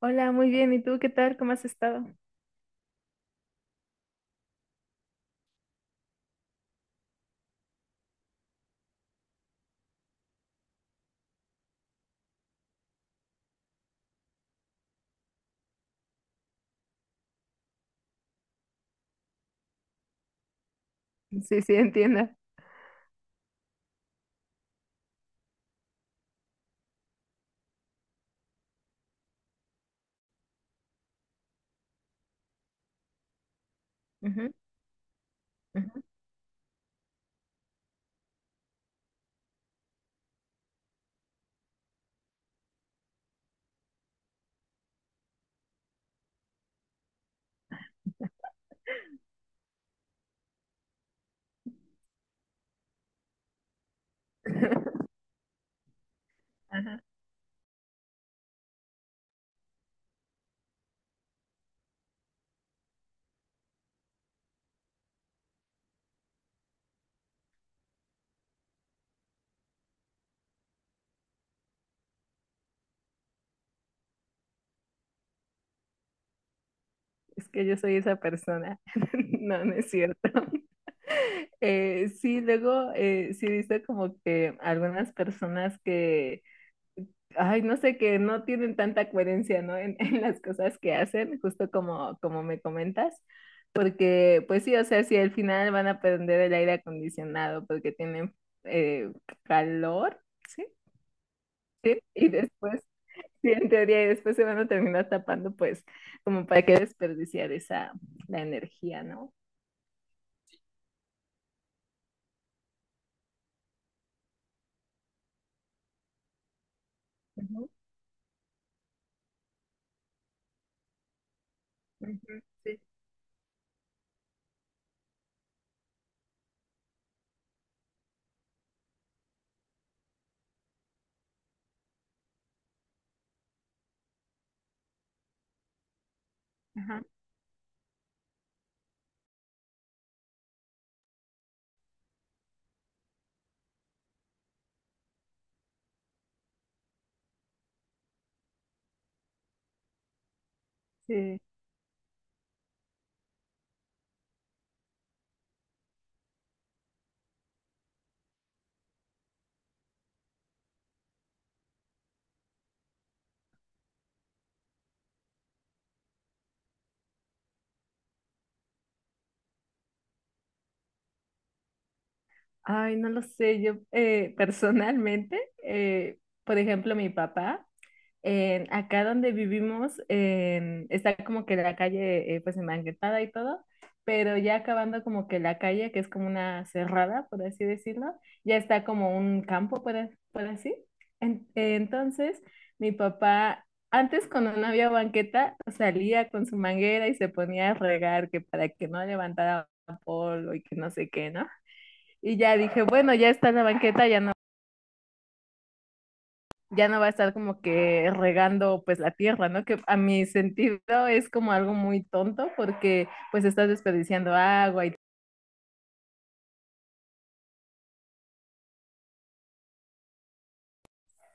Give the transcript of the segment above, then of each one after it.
Hola, muy bien. ¿Y tú qué tal? ¿Cómo has estado? Sí, sí, entiendo. Ujú. Ajá. Es que yo soy esa persona. No, no es cierto. Sí, luego sí he como que algunas personas que, ay, no sé, que no tienen tanta coherencia, ¿no? En, en las cosas que hacen, justo como me comentas. Porque, pues sí, o sea, si al final van a prender el aire acondicionado porque tienen eh, calor, ¿sí? Sí. Y después Sí, en teoría, y después se van a terminar tapando, pues, como para qué desperdiciar esa, la energía, ¿no? Ujú, ujú, sí, ajá. Sí. Ay, no lo sé, yo personalmente, eh, por ejemplo, mi papá. Acá donde vivimos está como que la calle pues enmanguetada y todo, pero ya acabando como que la calle, que es como una cerrada, por así decirlo, ya está como un campo, por, por así. Entonces, mi papá, antes cuando no había banqueta, salía con su manguera y se ponía a regar que para que no levantara polvo y que no sé qué, ¿no? Y ya dije, bueno, ya está la banqueta, ya no va a estar como que regando pues la tierra, ¿no? Que a mi sentido es como algo muy tonto porque pues estás desperdiciando agua y,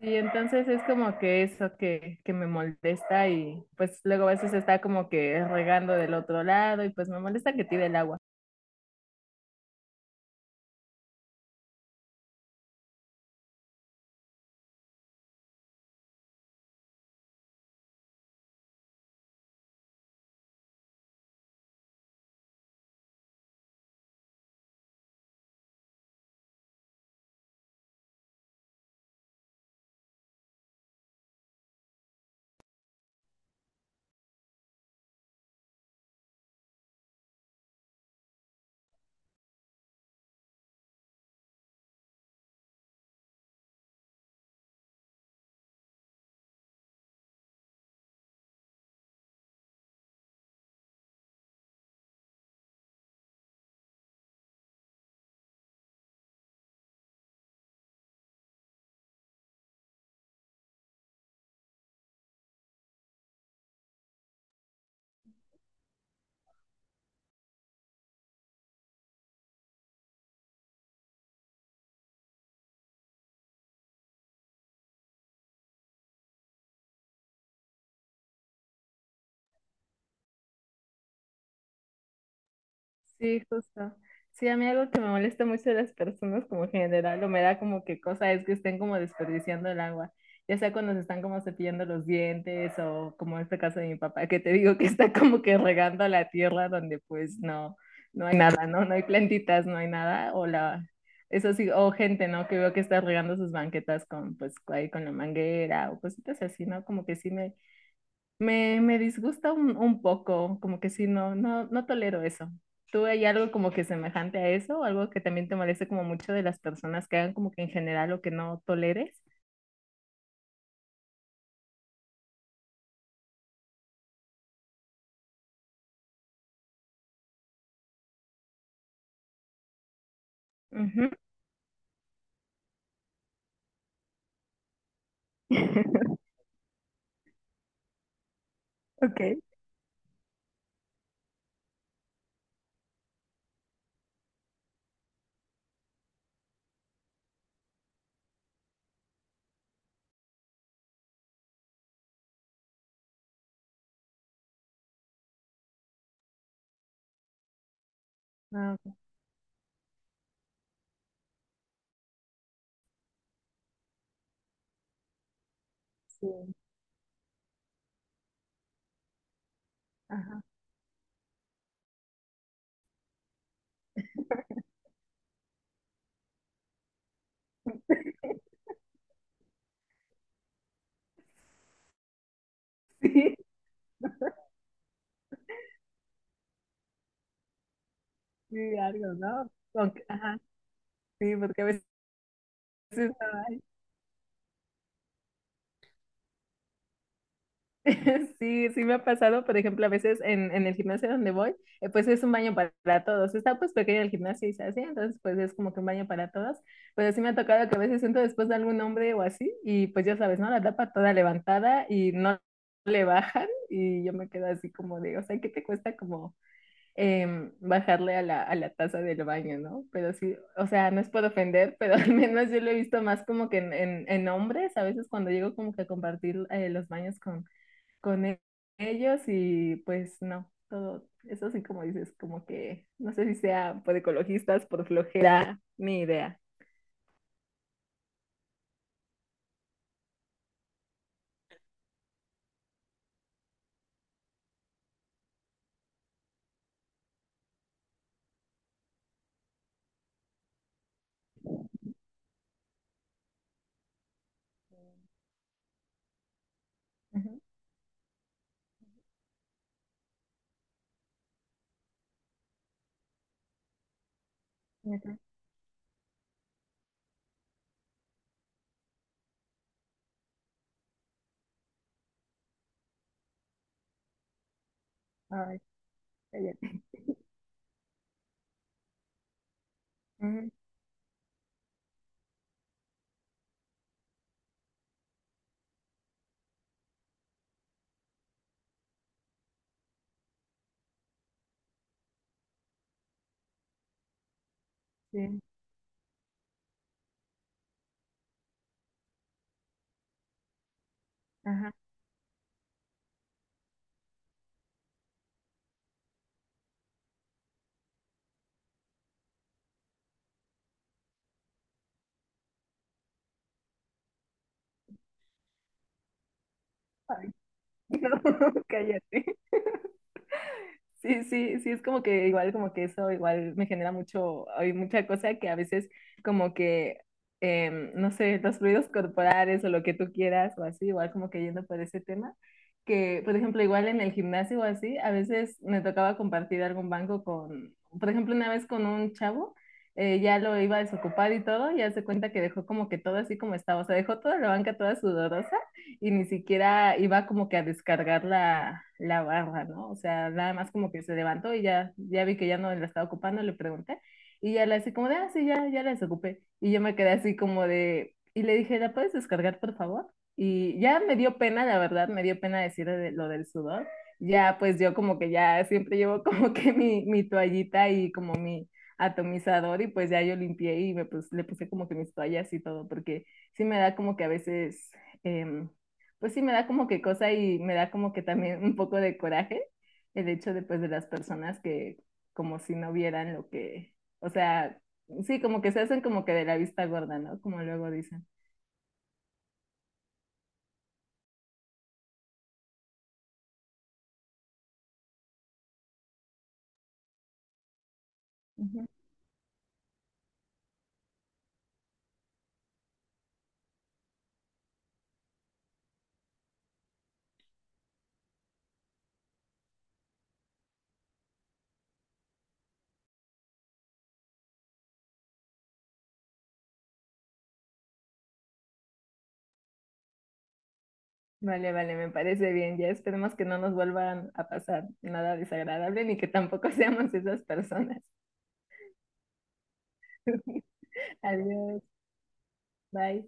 y entonces es como que eso que me molesta y pues luego a veces está como que regando del otro lado y pues me molesta que tire el agua. Sí, justo. Sí, a mí algo que me molesta mucho de las personas como en general, o me da como que cosa es que estén como desperdiciando el agua, ya sea cuando se están como cepillando los dientes o como este caso de mi papá, que te digo que está como que regando la tierra donde pues no, no hay nada, ¿no? No hay plantitas, no hay nada, eso sí, o gente, ¿no? Que veo que está regando sus banquetas con pues ahí con la manguera o cositas así, ¿no? Como que sí me disgusta un poco, como que sí, no, no, no tolero eso. ¿Tú hay algo como que semejante a eso? ¿Algo que también te moleste como mucho de las personas que hagan como que en general lo que no toleres? Ujú. Ok. Ah, ok. Sí. Ajá. Sí, sí, algo, ¿no? Ajá, sí, porque a veces Sí, sí me ha pasado, por ejemplo, a veces en el gimnasio donde voy, pues es un baño para todos. Está pues pequeño el gimnasio y se hace, entonces pues es como que un baño para todos. Pero sí me ha tocado que a veces entro después de algún hombre o así y pues ya sabes, ¿no? La tapa toda levantada y no le bajan y yo me quedo así como de, o sea, ¿qué te cuesta como bajarle a la taza del baño? ¿No? Pero sí, o sea, no es por ofender, pero al menos yo lo he visto más como que en hombres, a veces cuando llego como que a compartir los baños con con ellos y pues no, todo eso sí como dices, como que no sé si sea por ecologistas, por flojera, ni idea. Ujú, ujú. Ay, cállate. Ujú, sí, ajá. Ay, No, cállate. Sí, sí, sí, es como que igual, como que eso igual me genera mucho, hay mucha cosa que a veces como que, no sé, los ruidos corporales o lo que tú quieras o así, igual como que yendo por ese tema, que por ejemplo igual en el gimnasio o así, a veces me tocaba compartir algún banco con, por ejemplo una vez con un chavo, ya lo iba a desocupar y todo, y hace cuenta que dejó como que todo así como estaba, o sea, dejó toda la banca toda sudorosa y ni siquiera iba como que a descargar la barra, ¿no? O sea, nada más como que se levantó y ya, ya vi que ya no la estaba ocupando, le pregunté y ya la así como de, ah, sí, ya, ya la desocupé. Y yo me quedé así como de, y le dije, ¿la puedes descargar, por favor? Y ya me dio pena, la verdad, me dio pena decir lo del sudor. Ya, pues yo como que ya siempre llevo como que mi toallita y como mi atomizador y pues ya yo limpié y le puse como que mis toallas y todo, porque sí me da como que a veces em, pues sí me da como que cosa y me da como que también un poco de coraje el hecho de, pues, de las personas que como si no vieran lo que, o sea, sí, como que se hacen como que de la vista gorda, ¿no? Como luego dicen. Ujú. Vale, vale, me parece bien. Ya esperemos que no nos vuelvan a pasar nada desagradable ni que tampoco seamos esas personas. Adiós, bye.